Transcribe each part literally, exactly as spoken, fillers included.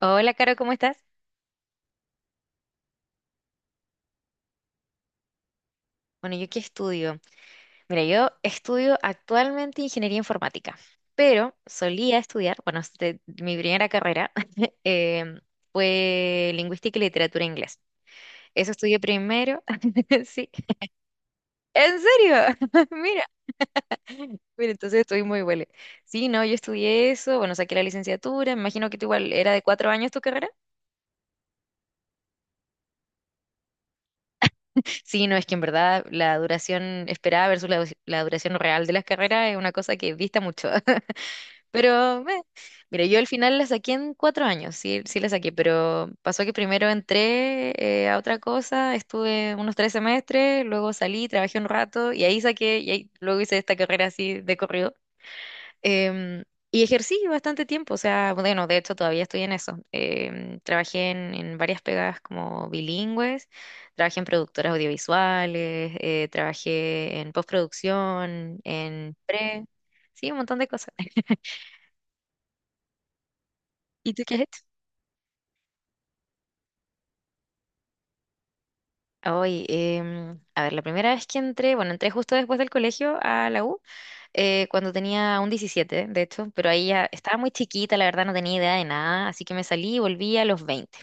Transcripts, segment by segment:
Hola, Caro, ¿cómo estás? Bueno, ¿yo qué estudio? Mira, yo estudio actualmente ingeniería informática, pero solía estudiar, bueno, este, mi primera carrera em, fue lingüística y literatura inglés. Eso estudié primero, sí. ¿En serio? Mira, mira, entonces estoy muy buena. Sí, no, yo estudié eso, bueno, saqué la licenciatura, me imagino que tú igual era de cuatro años tu carrera. Sí, no, es que en verdad la duración esperada versus la, la duración real de las carreras es una cosa que dista mucho. Pero, meh. Mira, yo al final la saqué en cuatro años, sí, sí la saqué, pero pasó que primero entré eh, a otra cosa, estuve unos tres semestres, luego salí, trabajé un rato y ahí saqué, y ahí, luego hice esta carrera así de corrido. Em, y ejercí bastante tiempo, o sea, bueno, de hecho todavía estoy en eso. Em, trabajé en, en varias pegadas como bilingües, trabajé en productoras audiovisuales, eh, trabajé en postproducción, en pre, sí, un montón de cosas. ¿Y tú qué has hecho? Hoy, em, a ver, la primera vez que entré, bueno, entré justo después del colegio a la U, eh, cuando tenía un diecisiete, de hecho, pero ahí ya estaba muy chiquita, la verdad no tenía idea de nada, así que me salí y volví a los veinte.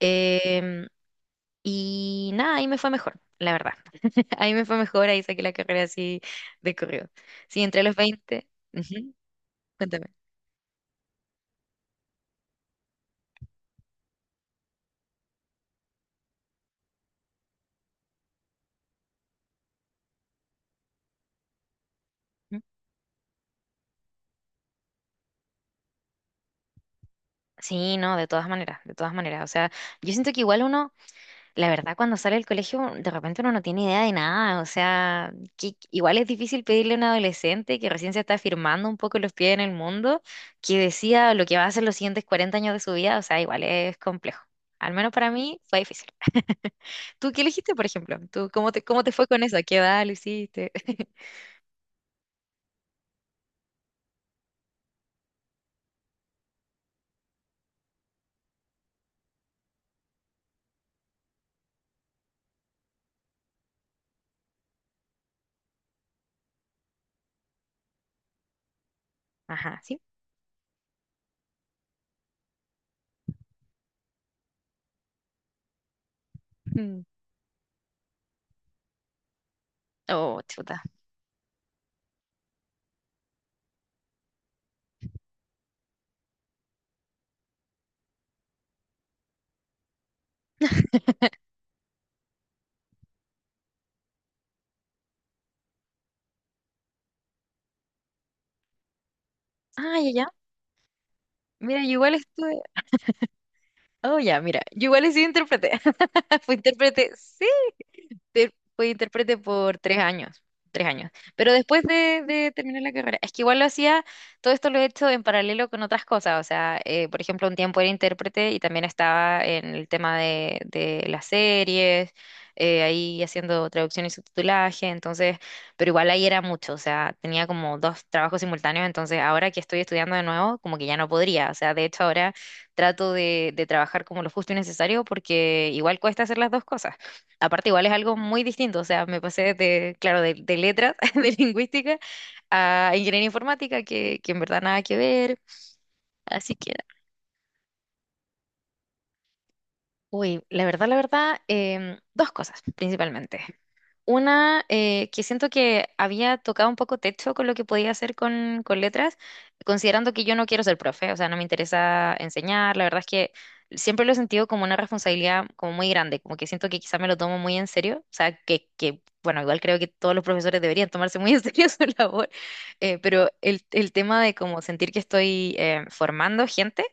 Em, y nada, ahí me fue mejor, la verdad. Ahí me fue mejor, ahí saqué la carrera así de corrido. Sí, entré a los veinte. Ujú. Cuéntame. Sí, no, de todas maneras, de todas maneras. O sea, yo siento que igual uno. La verdad, cuando sale del colegio, de repente uno no tiene idea de nada. O sea, que- igual es difícil pedirle a un adolescente que recién se está firmando un poco los pies en el mundo, que decida lo que va a hacer los siguientes cuarenta años de su vida. O sea, igual es complejo. Al menos para mí fue difícil. ¿Tú qué elegiste, por ejemplo? ¿Tú cómo te, cómo te fue con eso? ¿A qué edad lo hiciste? Ajá, ¿sí? Mm. Oh, chuta. Ah, ya, ya. Mira, yo igual estuve. Oh, ya, mira. Yo igual he sido intérprete. Fui intérprete, sí, inter- fui intérprete por tres años, tres años. Pero después de, de terminar la carrera, es que igual lo hacía, todo esto lo he hecho en paralelo con otras cosas. O sea, eh, por ejemplo, un tiempo era intérprete y también estaba en el tema de, de las series, eh, ahí haciendo traducción y subtitulaje. Entonces, pero igual ahí era mucho. O sea, tenía como dos trabajos simultáneos. Entonces, ahora que estoy estudiando de nuevo, como que ya no podría. O sea, de hecho, ahora trato de, de trabajar como lo justo y necesario porque igual cuesta hacer las dos cosas. Aparte, igual es algo muy distinto, o sea, me pasé de, claro, de, de letras, de lingüística, a ingeniería informática, que, que en verdad nada que ver. Así que, uy, la verdad, la verdad, em, dos cosas principalmente. Una, eh, que siento que había tocado un poco techo con lo que podía hacer con, con letras, considerando que yo no quiero ser profe, o sea, no me interesa enseñar, la verdad es que siempre lo he sentido como una responsabilidad como muy grande, como que siento que quizá me lo tomo muy en serio, o sea, que, que bueno, igual creo que todos los profesores deberían tomarse muy en serio su labor, eh, pero el, el tema de como sentir que estoy eh, formando gente,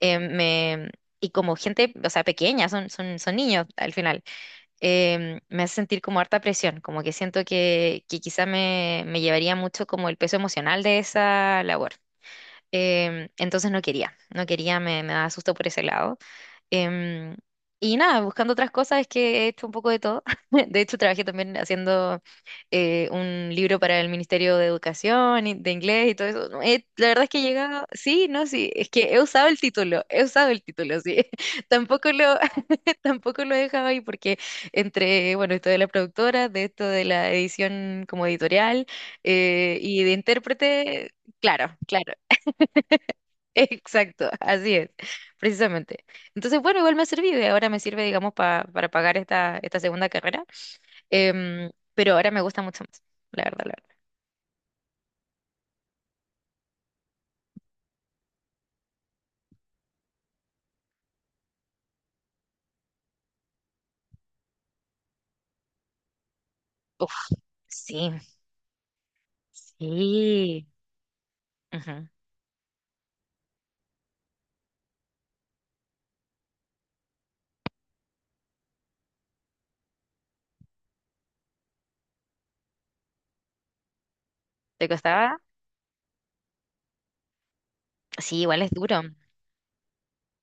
eh, me... Y como gente, o sea, pequeña, son, son, son niños al final. Em, me hace sentir como harta presión, como que siento que, que quizá me, me llevaría mucho como el peso emocional de esa labor. Em, entonces no quería, no quería, me, me daba susto por ese lado. Em, y nada, buscando otras cosas es que he hecho un poco de todo. De hecho, trabajé también haciendo eh, un libro para el Ministerio de Educación y de inglés y todo eso. No, eh, la verdad es que he llegado, sí, no, sí, es que he usado el título, he usado el título, sí. Tampoco lo, Tampoco lo he dejado ahí porque entre, bueno, esto de la productora, de esto de la edición como editorial, eh, y de intérprete, claro, claro, exacto, así es, precisamente. Entonces, bueno, igual me ha servido y ahora me sirve, digamos, pa- para pagar esta, esta segunda carrera, em, pero ahora me gusta mucho más, la verdad, la verdad. Uf, sí, sí. Ujú. ¿Te costaba? Sí, igual es duro.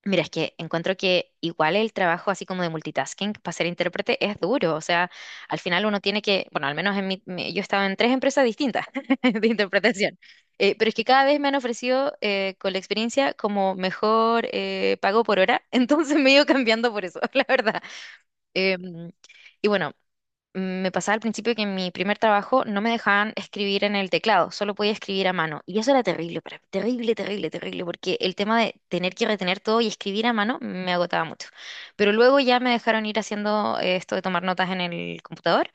Mira, es que encuentro que igual el trabajo así como de multitasking para ser intérprete es duro, o sea, al final uno tiene que, bueno, al menos en mi, mi- yo estaba en tres empresas distintas de interpretación, eh, pero es que cada vez me han ofrecido, eh, con la experiencia, como mejor, eh, pago por hora, entonces me he ido cambiando por eso, la verdad. Em, y bueno, mm, me pasaba al principio que en mi primer trabajo no me dejaban escribir en el teclado, solo podía escribir a mano. Y eso era terrible para mí, terrible, terrible, terrible, porque el tema de tener que retener todo y escribir a mano me agotaba mucho. Pero luego ya me dejaron ir haciendo, eh, esto de tomar notas en el computador,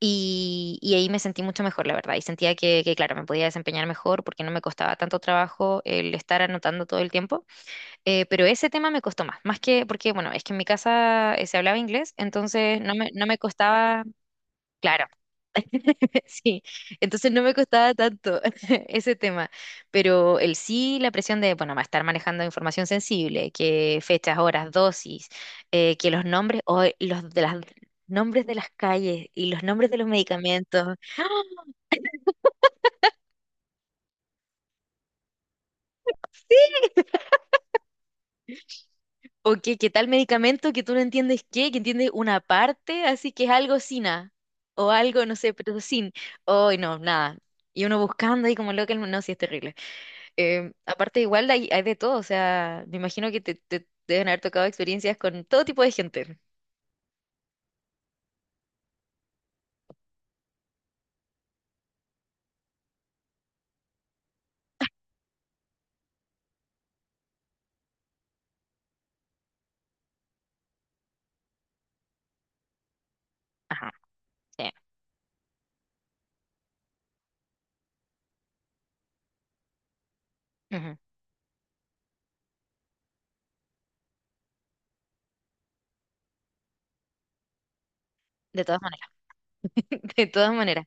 y, y ahí me sentí mucho mejor, la verdad. Y sentía que, que, claro, me podía desempeñar mejor porque no me costaba tanto trabajo el estar anotando todo el tiempo. Eh, pero ese tema me costó más, más que porque, bueno, es que en mi casa, eh, se hablaba inglés, entonces no me, no me costaba, claro. Sí, entonces no me costaba tanto ese tema, pero el sí, la presión de, bueno, va a estar manejando información sensible, que fechas, horas, dosis, eh, que los nombres, o los de las nombres de las calles y los nombres de los medicamentos, o que, que tal medicamento que tú no entiendes qué, que entiendes una parte, así que es algo sina, o algo, no sé, pero sin, hoy no, nada. Y uno buscando ahí como loco, no, sí, es terrible. Eh, aparte, igual hay, hay de todo, o sea, me imagino que te, te deben haber tocado experiencias con todo tipo de gente. Ajá, sí. Ujú. De todas maneras, de todas maneras.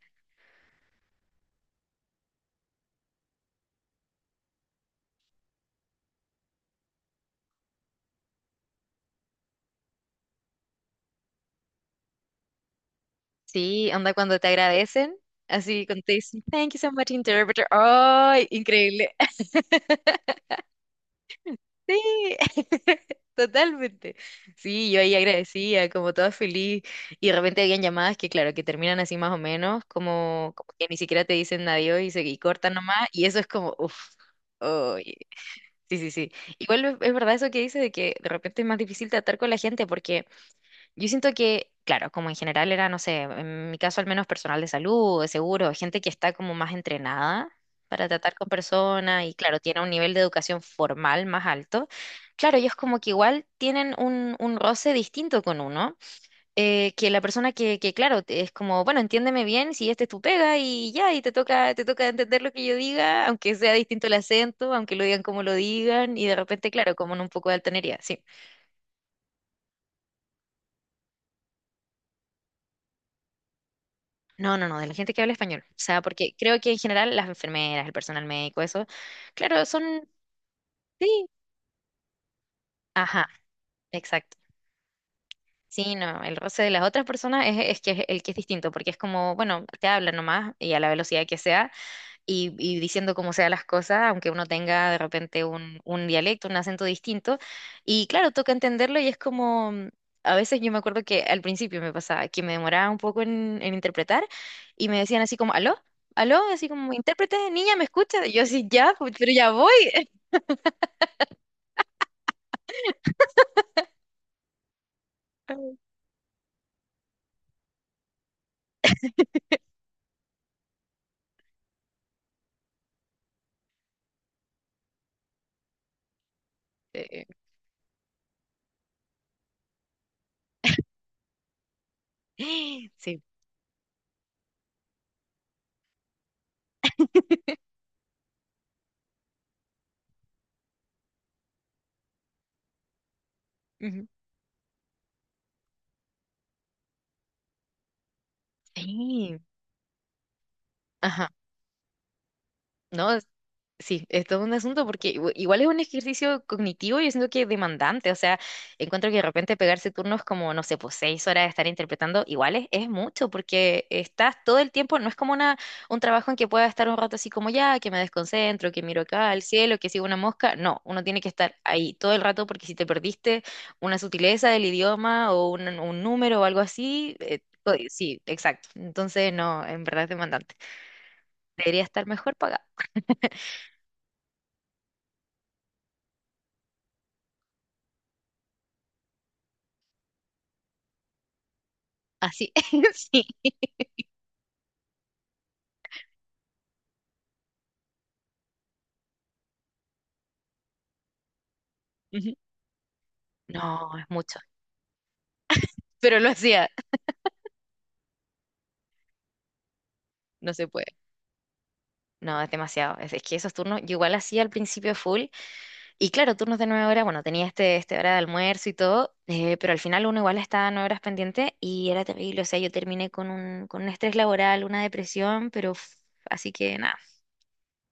Sí. ¿Onda cuando te agradecen, así cuando te dicen, thank you so much, interpreter? ¡Ay, increíble! Sí, totalmente. Sí, yo ahí agradecía, como toda feliz. Y de repente habían llamadas que, claro, que terminan así más o menos, como, como que ni siquiera te dicen adiós y, se, y cortan nomás. Y eso es como, uff. Sí, sí, sí. Igual es es verdad eso que dice de que de repente es más difícil tratar con la gente porque yo siento que, claro, como en general era, no sé, en mi caso al menos personal de salud, de seguro, gente que está como más entrenada para tratar con personas y, claro, tiene un nivel de educación formal más alto. Claro, ellos como que igual tienen un, un roce distinto con uno, eh, que la persona que, que, claro, te- es como, bueno, entiéndeme bien, si este es tu pega y ya, y te toca, te toca entender lo que yo diga, aunque sea distinto el acento, aunque lo digan como lo digan, y de repente, claro, como en un poco de altanería, sí. No, no, no, de la gente que habla español. O sea, porque creo que en general las enfermeras, el personal médico, eso, claro, son, sí, ajá, exacto. Sí, no, el roce de las otras personas es, es que es el que es distinto, porque es como, bueno, te hablan nomás y a la velocidad que sea y, y diciendo cómo sea las cosas, aunque uno tenga de repente un, un dialecto, un acento distinto. Y claro, toca entenderlo y es como, mm, a veces yo me acuerdo que al principio me pasaba que me demoraba un poco en, en interpretar y me decían así como, ¿aló? ¿Aló? Así como, intérprete, niña, ¿me escuchas? Y yo así, ya, pues, pero ya voy. Sí. Sí. Ujú, sí. Ajá. No. Sí, es todo un asunto porque igu- igual es un ejercicio cognitivo y yo siento que es demandante, o sea, encuentro que de repente pegarse turnos como, no sé, pues seis horas de estar interpretando, igual es, es mucho porque estás todo el tiempo, no es como una, un trabajo en que pueda estar un rato así como ya, que me desconcentro, que miro acá al cielo, que sigo una mosca, no, uno tiene que estar ahí todo el rato porque si te perdiste una sutileza del idioma o un, un número o algo así, eh, co- sí, exacto, entonces no, en verdad es demandante, debería estar mejor pagado. Así, sí. Ujú. No, es mucho. Pero lo hacía. No se puede. No, es demasiado. Es, es que esos turnos, yo igual hacía al principio full. Y claro, turnos de nueve horas, bueno, tenía este, este hora de almuerzo y todo, eh, pero al final uno igual estaba nueve horas pendiente y era terrible. O sea, yo terminé con un, con un estrés laboral, una depresión, pero f- así que nada.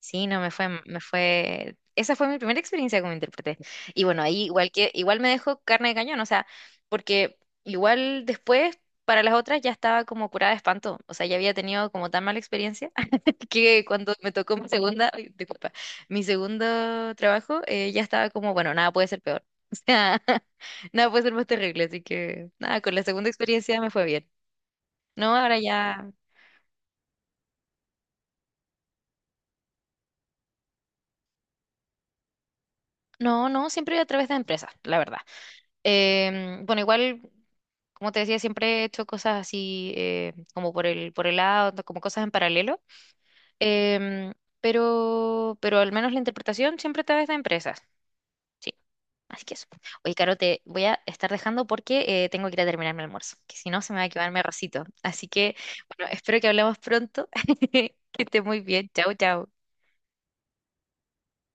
Sí, no, me fue, me fue, esa fue mi primera experiencia como intérprete. Y bueno, ahí igual que, igual me dejó carne de cañón, o sea, porque igual después para las otras ya estaba como curada de espanto, o sea, ya había tenido como tan mala experiencia que cuando me tocó mi segunda, ay, disculpa, mi segundo trabajo, eh, ya estaba como, bueno, nada puede ser peor, o sea, nada puede ser más terrible, así que nada, con la segunda experiencia me fue bien. No, ahora ya, no, no, siempre a través de empresas, la verdad. Em, bueno, igual, como te decía, siempre he hecho cosas así, eh, como por el, por el lado, como cosas en paralelo. Em, pero, pero al menos la interpretación siempre está de empresas. Sí, así que eso. Oye, Caro, te voy a estar dejando porque, eh, tengo que ir a terminar mi almuerzo, que si no se me va a quemar mi arrocito. Así que, bueno, espero que hablemos pronto. Que esté muy bien. Chao, chao.